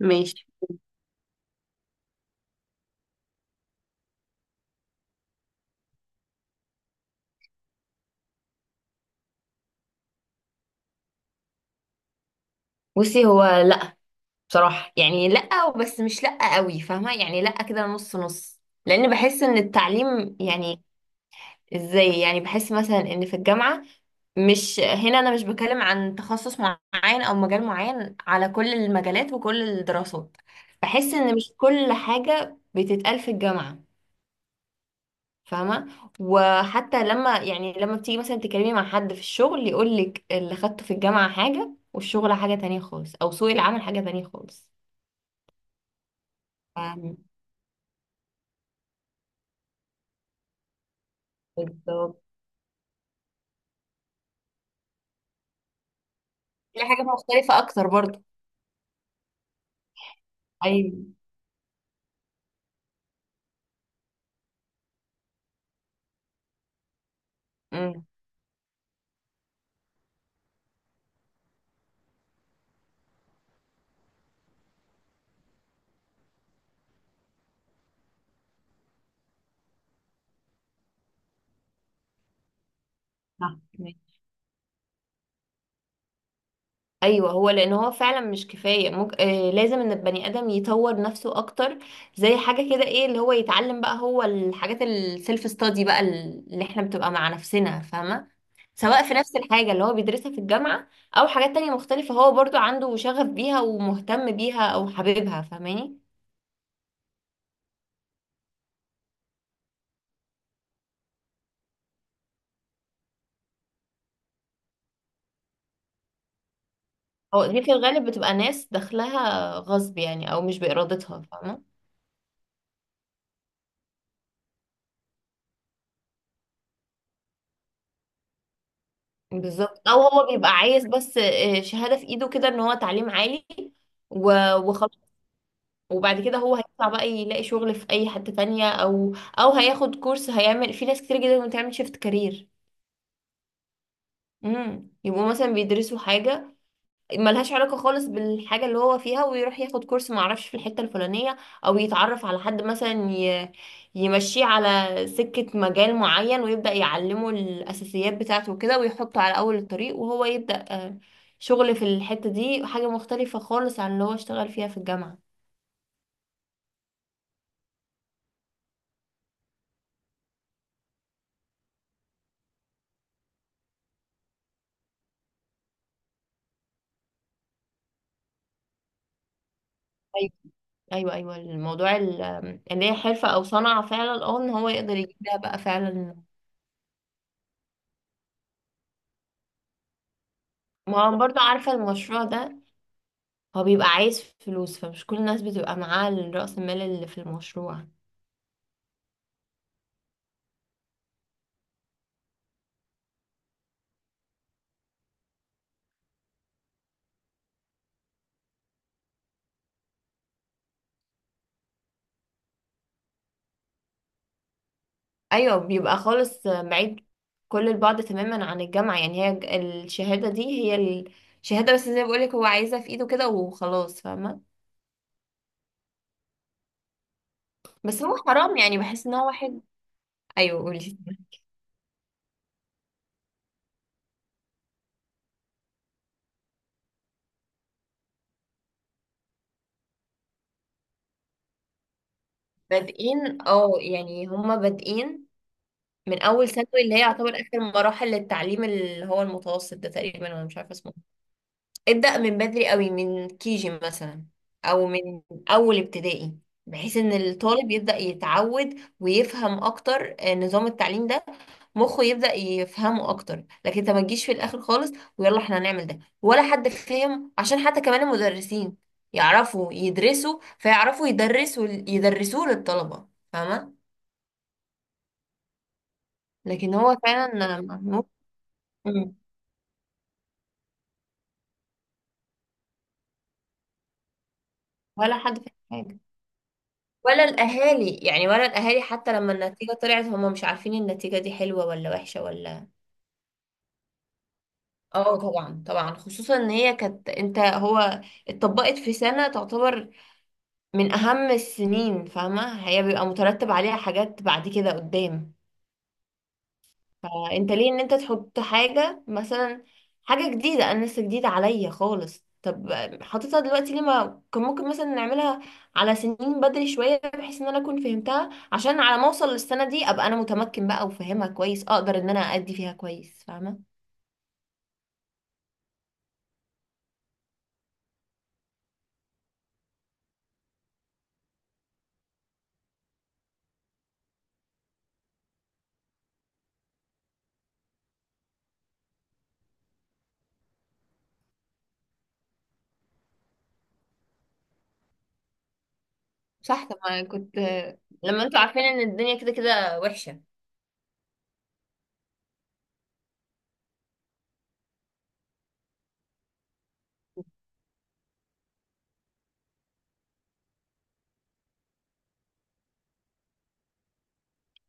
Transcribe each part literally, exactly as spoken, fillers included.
ماشي. بصي، هو لا. بصراحة يعني لا، بس مش لا قوي، فاهمة؟ يعني لا كده، نص نص. لأن بحس إن التعليم يعني ازاي يعني؟ بحس مثلا إن في الجامعة، مش هنا، أنا مش بكلم عن تخصص معين أو مجال معين، على كل المجالات وكل الدراسات. بحس إن مش كل حاجة بتتقال في الجامعة، فاهمة؟ وحتى لما يعني لما بتيجي مثلا تكلمي مع حد في الشغل، يقولك اللي خدته في الجامعة حاجة والشغل حاجة تانية خالص، أو سوق العمل حاجة تانية خالص. أم، بالظبط، دي حاجة مختلفة أكتر برضو. أيوة. أم، صح ماشي. أيوة، هو لأن هو فعلا مش كفاية ممكن، آه لازم إن البني آدم يطور نفسه أكتر. زي حاجة كده، إيه اللي هو يتعلم بقى؟ هو الحاجات السيلف ستادي بقى، اللي إحنا بتبقى مع نفسنا، فاهمة؟ سواء في نفس الحاجة اللي هو بيدرسها في الجامعة، أو حاجات تانية مختلفة هو برضو عنده شغف بيها ومهتم بيها أو حاببها، فاهماني؟ هو دي في الغالب بتبقى ناس داخلها غصب يعني، أو مش بإرادتها، فاهمة؟ بالظبط، او هو بيبقى عايز بس آه، شهادة في ايده كده، ان هو تعليم عالي و- وخلاص. وبعد كده هو هيطلع بقى يلاقي شغل في اي حتة تانية، او او هياخد كورس. هيعمل، في ناس كتير جدا بتعمل شيفت كارير، امم يبقوا مثلا بيدرسوا حاجة ملهاش علاقة خالص بالحاجة اللي هو فيها، ويروح ياخد كورس معرفش في الحتة الفلانية، أو يتعرف على حد مثلا ي- يمشيه على سكة مجال معين، ويبدأ يعلمه الأساسيات بتاعته وكده، ويحطه على أول الطريق وهو يبدأ آه، شغل في الحتة دي، حاجة مختلفة خالص عن اللي هو اشتغل فيها في الجامعة. أيوة، أيوة أيوة، الموضوع ال- اللي هي حرفة أو صنعة فعلا، اه إن هو يقدر يجيب ده بقى فعلا. ما هو برضه عارفة، المشروع ده هو بيبقى عايز فلوس، فمش كل الناس بتبقى معاه رأس المال اللي في المشروع. ايوه، بيبقى خالص بعيد كل البعد تماما عن الجامعة، يعني هي ج- الشهادة دي هي الشهادة بس، زي ما بقولك هو عايزها في ايده كده وخلاص، فاهمة؟ بس هو حرام، يعني بحس ان هو واحد. ايوه قولي. بادئين اه يعني هما بادئين من اول ثانوي، اللي هي يعتبر اخر مراحل التعليم، اللي هو المتوسط ده تقريبا، انا مش عارفة اسمه. ابدأ من بدري قوي، من كيجي مثلا، او من اول ابتدائي، بحيث ان الطالب يبدأ يتعود ويفهم اكتر آه، نظام التعليم ده، مخه يبدأ يفهمه اكتر. لكن انت ما تجيش في الاخر خالص، ويلا احنا هنعمل ده، ولا حد فاهم. عشان حتى كمان المدرسين يعرفوا يدرسوا، فيعرفوا يدرسوا يدرسوه للطلبة، فاهمة؟ لكن هو فعلا ممكن، ولا حد فاهم حاجة، ولا الاهالي يعني ولا الاهالي، حتى لما النتيجه طلعت هم مش عارفين النتيجه دي حلوه ولا وحشه ولا. اه طبعا طبعا، خصوصا ان هي كانت، انت، هو اتطبقت في سنه تعتبر من اهم السنين، فاهمه؟ هي بيبقى مترتب عليها حاجات بعد كده قدام. فانت ليه ان انت تحط حاجة مثلا، حاجة جديدة انا لسه جديدة عليا خالص؟ طب حاططها دلوقتي ليه؟ ما كان ممكن مثلا نعملها على سنين بدري شوية، بحيث ان انا اكون فهمتها، عشان على ما اوصل للسنة دي ابقى انا متمكن بقى وفاهمها كويس، اقدر ان انا ادي فيها كويس، فاهمة؟ صح، طب ما كنت لما انتوا عارفين ان الدنيا كده كده وحشة.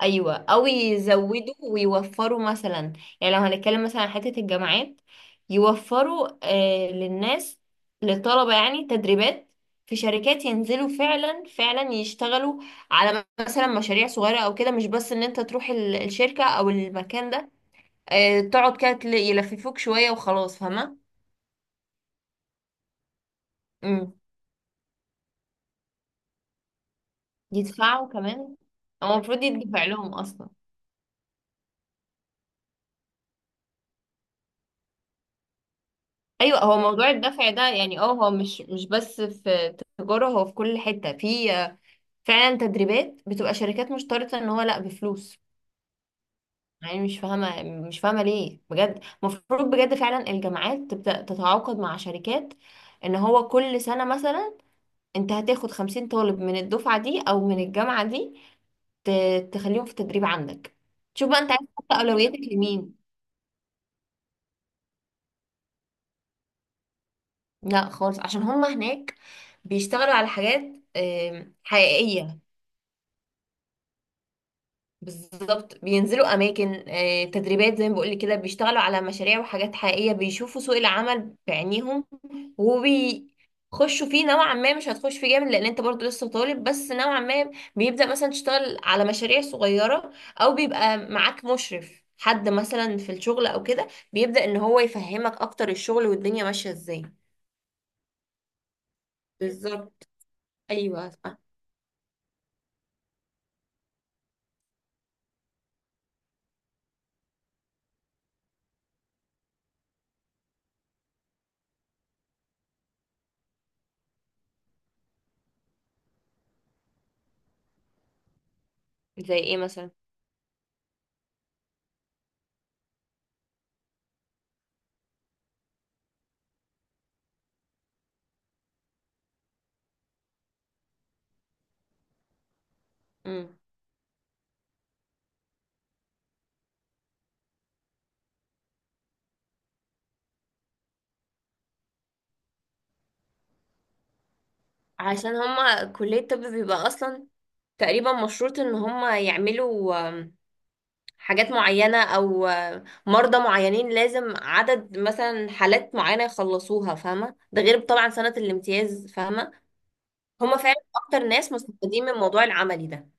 ايوه، او يزودوا ويوفروا مثلا، يعني لو هنتكلم مثلا عن حته الجامعات، يوفروا آه للناس، للطلبه يعني تدريبات في شركات ينزلوا فعلا فعلا يشتغلوا على مثلا مشاريع صغيره او كده، مش بس ان انت تروح ال- الشركه او المكان ده، آه تقعد كده تل- يلففوك شويه وخلاص، فاهمه؟ امم يدفعوا كمان؟ هو المفروض يدفع لهم اصلا. ايوه، هو موضوع الدفع ده يعني، اه هو مش مش بس في تجارة، هو في كل حتة، في آه، فعلا تدريبات بتبقى شركات مشترطة ان هو لا بفلوس. يعني مش فاهمة، مش فاهمة ليه بجد. المفروض بجد فعلا الجامعات تبدأ تتعاقد مع شركات، ان هو كل سنة مثلا انت هتاخد خمسين طالب من الدفعة دي او من الجامعة دي، ت- تخليهم في تدريب عندك. شوف بقى انت عايز تحط اولوياتك لمين. لا خالص، عشان هما هناك بيشتغلوا على حاجات آم، حقيقية. بالظبط، بينزلوا اماكن، آه، تدريبات زي ما بقول كده، بيشتغلوا على مشاريع وحاجات حقيقيه، بيشوفوا سوق العمل بعينيهم، وبيخشوا فيه نوعا ما. مش هتخش فيه جامد لان انت برضو لسه طالب، بس نوعا ما بيبدا مثلا تشتغل على مشاريع صغيره، او بيبقى معاك مشرف، حد مثلا في الشغل او كده، بيبدا ان هو يفهمك اكتر الشغل والدنيا ماشيه ازاي. بالظبط. ايوه صح. زي ايه مثلا؟ امم عشان هما كلية الطب بيبقى اصلا تقريبا مشروط ان هم يعملوا آم، حاجات معينة، او آم، مرضى معينين، لازم عدد مثلا حالات معينة يخلصوها، فاهمة؟ ده غير طبعا سنة الامتياز، فاهمة؟ هم فعلا اكتر ناس مستفيدين من الموضوع العملي ده.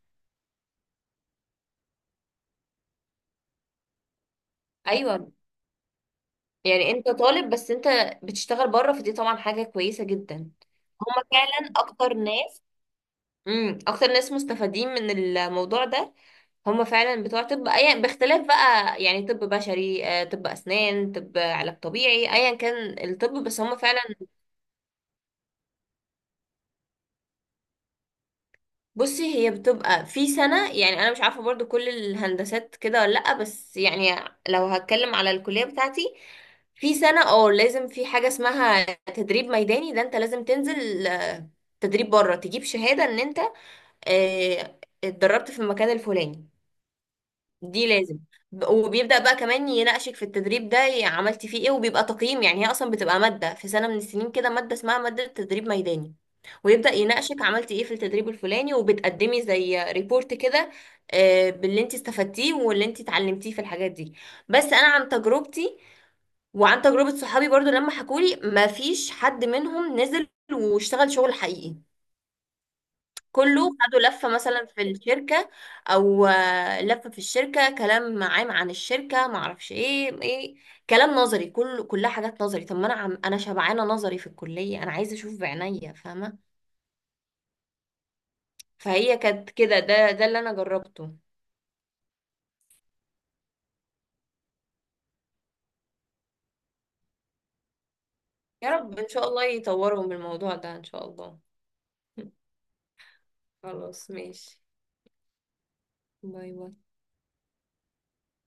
ايوه، يعني انت طالب بس انت بتشتغل بره، فدي طبعا حاجة كويسة جدا. هم فعلا اكتر ناس، امم اكتر ناس مستفادين من الموضوع ده. هم فعلا بتوع طب، اي باختلاف بقى، يعني طب بشري، آه، طب اسنان، طب علاج طبيعي، ايا كان الطب، بس هم فعلا. بصي، هي بتبقى في سنة، يعني انا مش عارفة برضو كل الهندسات كده ولا لا، بس يعني لو هتكلم على الكلية بتاعتي، في سنة اه لازم في حاجة اسمها تدريب ميداني، ده انت لازم تنزل آه، تدريب بره، تجيب شهادة ان انت آه، اتدربت في المكان الفلاني. دي لازم، ب- وبيبدأ بقى كمان يناقشك في التدريب ده، ي- عملتي فيه ايه؟ وبيبقى تقييم، يعني هي اصلا بتبقى مادة في سنة من السنين كده، مادة اسمها مادة تدريب ميداني، ويبدأ يناقشك عملتي ايه في التدريب الفلاني، وبتقدمي زي ريبورت كده آه، باللي انت استفدتيه واللي انت اتعلمتيه في الحاجات دي. بس انا عن تجربتي، وعن تجربة صحابي برضو لما حكولي، ما فيش حد منهم نزل واشتغل شغل حقيقي، كله خدوا لفة مثلا في الشركة، او آه، لفة في الشركة، كلام عام عن الشركة، معرفش ايه ايه، كلام نظري، كل كلها حاجات نظري. طب ما انا، عم انا شبعانة نظري في الكلية، انا عايزة اشوف بعينيا، فاهمة؟ فهي كانت كده، ده ده اللي انا جربته. يا رب ان شاء الله يطوروا من الموضوع ده ان شاء الله. خلاص ماشي. باي باي.